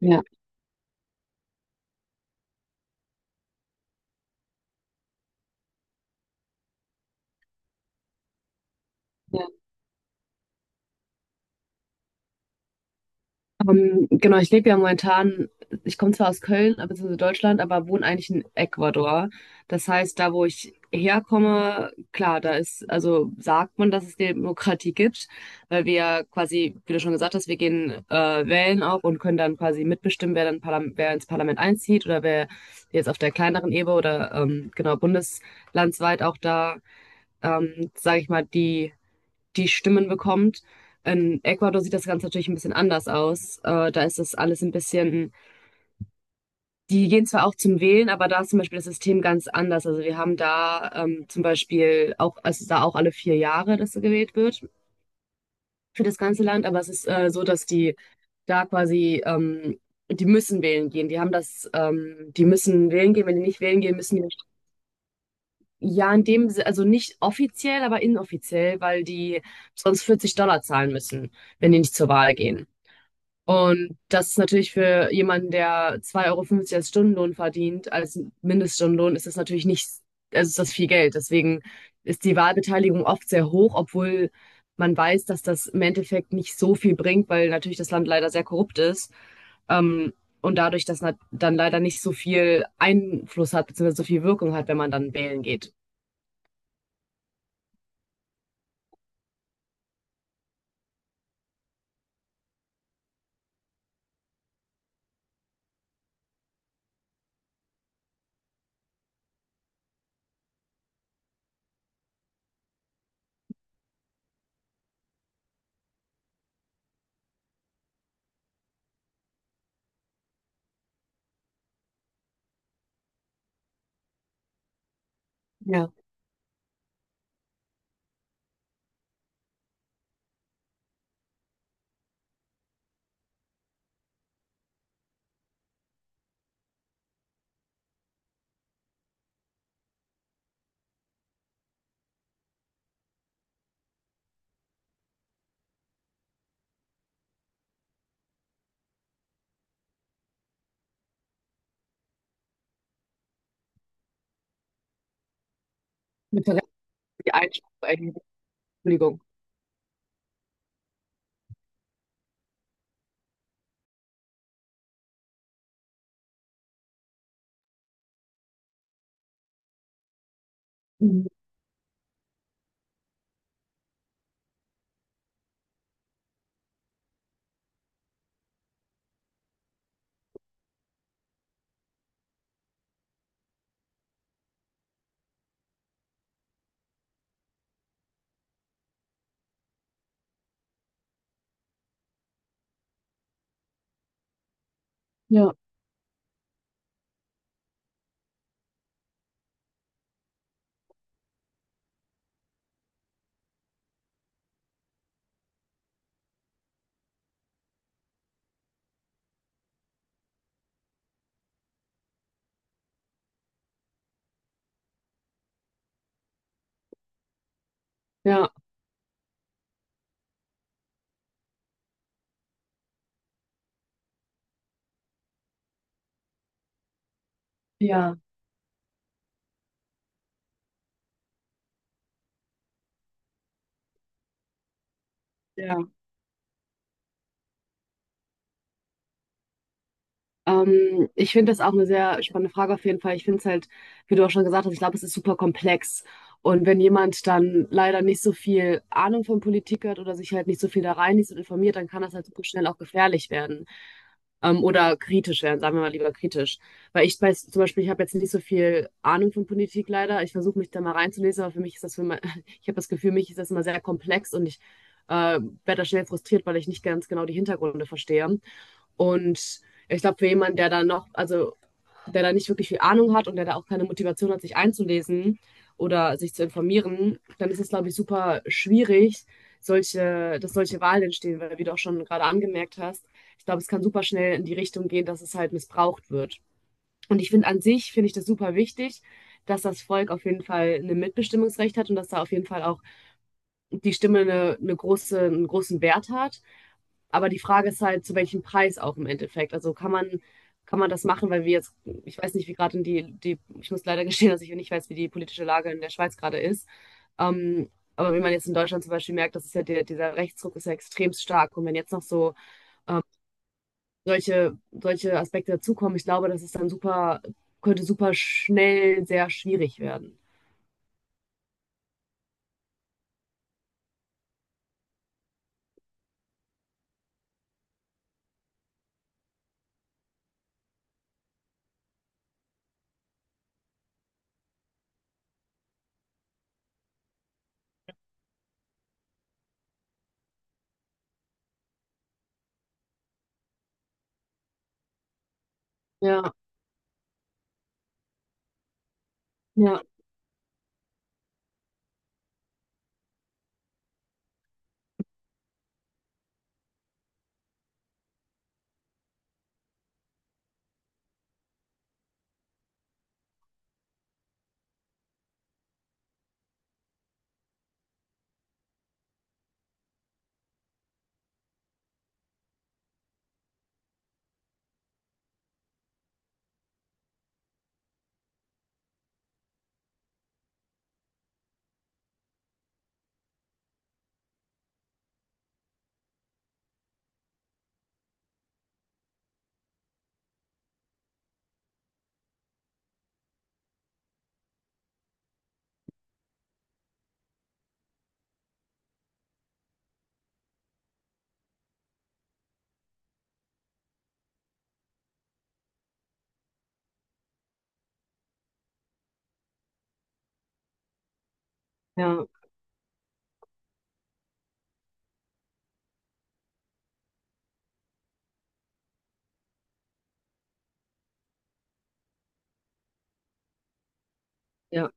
Ja, ja. Genau, ich lebe ja momentan, ich komme zwar aus Köln, beziehungsweise Deutschland, aber wohne eigentlich in Ecuador. Das heißt, da wo ich herkomme, klar, da ist, also sagt man, dass es Demokratie gibt, weil wir ja quasi, wie du schon gesagt hast, wir gehen wählen auch und können dann quasi mitbestimmen, wer dann Parlam wer ins Parlament einzieht oder wer jetzt auf der kleineren Ebene oder genau bundeslandsweit auch da, sage ich mal, die Stimmen bekommt. In Ecuador sieht das Ganze natürlich ein bisschen anders aus. Da ist das alles ein bisschen, die gehen zwar auch zum Wählen, aber da ist zum Beispiel das System ganz anders. Also wir haben da zum Beispiel auch, also da auch alle 4 Jahre, dass gewählt wird für das ganze Land, aber es ist so, dass die da quasi, die müssen wählen gehen. Die haben das, die müssen wählen gehen. Wenn die nicht wählen gehen, müssen die nicht. Ja, in dem, also nicht offiziell, aber inoffiziell, weil die sonst $40 zahlen müssen, wenn die nicht zur Wahl gehen. Und das ist natürlich für jemanden, der 2,50 Euro als Stundenlohn verdient, als Mindeststundenlohn, ist das natürlich nicht, also ist das viel Geld. Deswegen ist die Wahlbeteiligung oft sehr hoch, obwohl man weiß, dass das im Endeffekt nicht so viel bringt, weil natürlich das Land leider sehr korrupt ist. Ähm, und dadurch, dass man dann leider nicht so viel Einfluss hat, beziehungsweise so viel Wirkung hat, wenn man dann wählen geht. Ja, mit der die Einschränkung, Entschuldigung. Mhm. Ja, ja, ja, ja. Ich finde das auch eine sehr spannende Frage auf jeden Fall. Ich finde es halt, wie du auch schon gesagt hast, ich glaube, es ist super komplex. Und wenn jemand dann leider nicht so viel Ahnung von Politik hat oder sich halt nicht so viel da reinliest und informiert, dann kann das halt super schnell auch gefährlich werden. Oder kritisch werden, sagen wir mal lieber kritisch. Weil ich weiß, zum Beispiel, ich habe jetzt nicht so viel Ahnung von Politik leider. Ich versuche mich da mal reinzulesen, aber für mich ist das für mein, ich habe das Gefühl, mich ist das immer sehr komplex und ich werde da schnell frustriert, weil ich nicht ganz genau die Hintergründe verstehe. Und ich glaube, für jemanden, der da noch, also der da nicht wirklich viel Ahnung hat und der da auch keine Motivation hat, sich einzulesen oder sich zu informieren, dann ist es, glaube ich, super schwierig, dass solche Wahlen entstehen, weil, wie du auch schon gerade angemerkt hast, ich glaube, es kann super schnell in die Richtung gehen, dass es halt missbraucht wird. Und ich finde an sich, finde ich das super wichtig, dass das Volk auf jeden Fall ein Mitbestimmungsrecht hat und dass da auf jeden Fall auch die Stimme eine große, einen großen Wert hat. Aber die Frage ist halt, zu welchem Preis auch im Endeffekt. Also kann man das machen, weil wir jetzt, ich weiß nicht, wie gerade in die, ich muss leider gestehen, dass ich nicht weiß, wie die politische Lage in der Schweiz gerade ist. Ähm, aber wie man jetzt in Deutschland zum Beispiel merkt, das ist ja dieser Rechtsdruck ist ja extrem stark. Und wenn jetzt noch so solche Aspekte dazukommen, ich glaube, das ist dann super, könnte super schnell sehr schwierig werden. Ja, ja, ja, ja,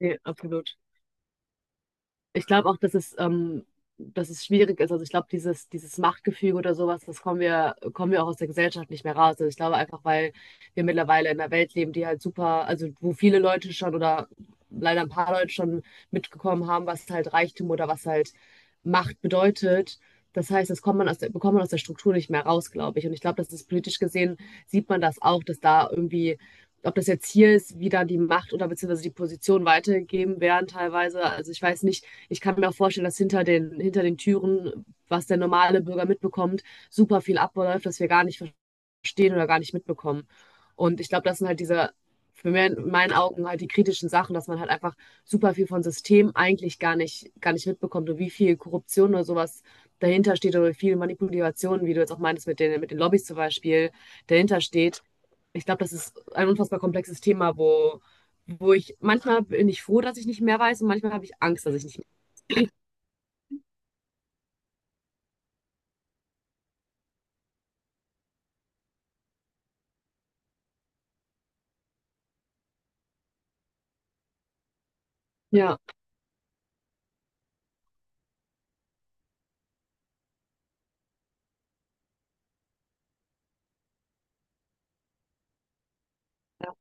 nee, absolut. Ich glaube auch, dass es schwierig ist. Also ich glaube, dieses Machtgefüge oder sowas, das kommen wir auch aus der Gesellschaft nicht mehr raus. Also ich glaube einfach, weil wir mittlerweile in einer Welt leben, die halt super, also wo viele Leute schon oder leider ein paar Leute schon mitgekommen haben, was halt Reichtum oder was halt Macht bedeutet. Das heißt, das kommt man aus der, bekommt man aus der Struktur nicht mehr raus, glaube ich. Und ich glaube, dass das ist politisch gesehen sieht man das auch, dass da irgendwie ob das jetzt hier ist, wie da die Macht oder beziehungsweise die Position weitergegeben werden teilweise. Also ich weiß nicht, ich kann mir auch vorstellen, dass hinter den Türen, was der normale Bürger mitbekommt, super viel abläuft, das wir gar nicht verstehen oder gar nicht mitbekommen. Und ich glaube, das sind halt diese, für mich in meinen Augen halt die kritischen Sachen, dass man halt einfach super viel von System eigentlich gar nicht mitbekommt und wie viel Korruption oder sowas dahinter steht oder wie viel Manipulation, wie du jetzt auch meintest, mit den Lobbys zum Beispiel, dahinter steht. Ich glaube, das ist ein unfassbar komplexes Thema, wo ich manchmal bin ich froh, dass ich nicht mehr weiß und manchmal habe ich Angst, dass ich nicht. Ja, ja,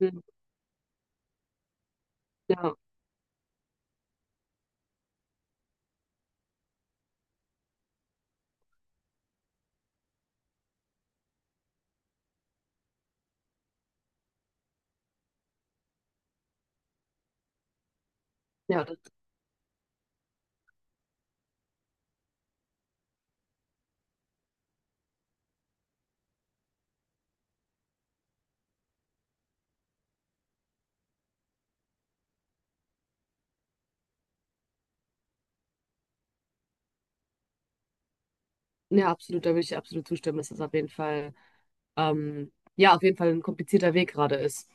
mhm, ja, ja, das, ja, absolut, da würde ich dir absolut zustimmen, dass das auf jeden Fall, ja, auf jeden Fall ein komplizierter Weg gerade ist.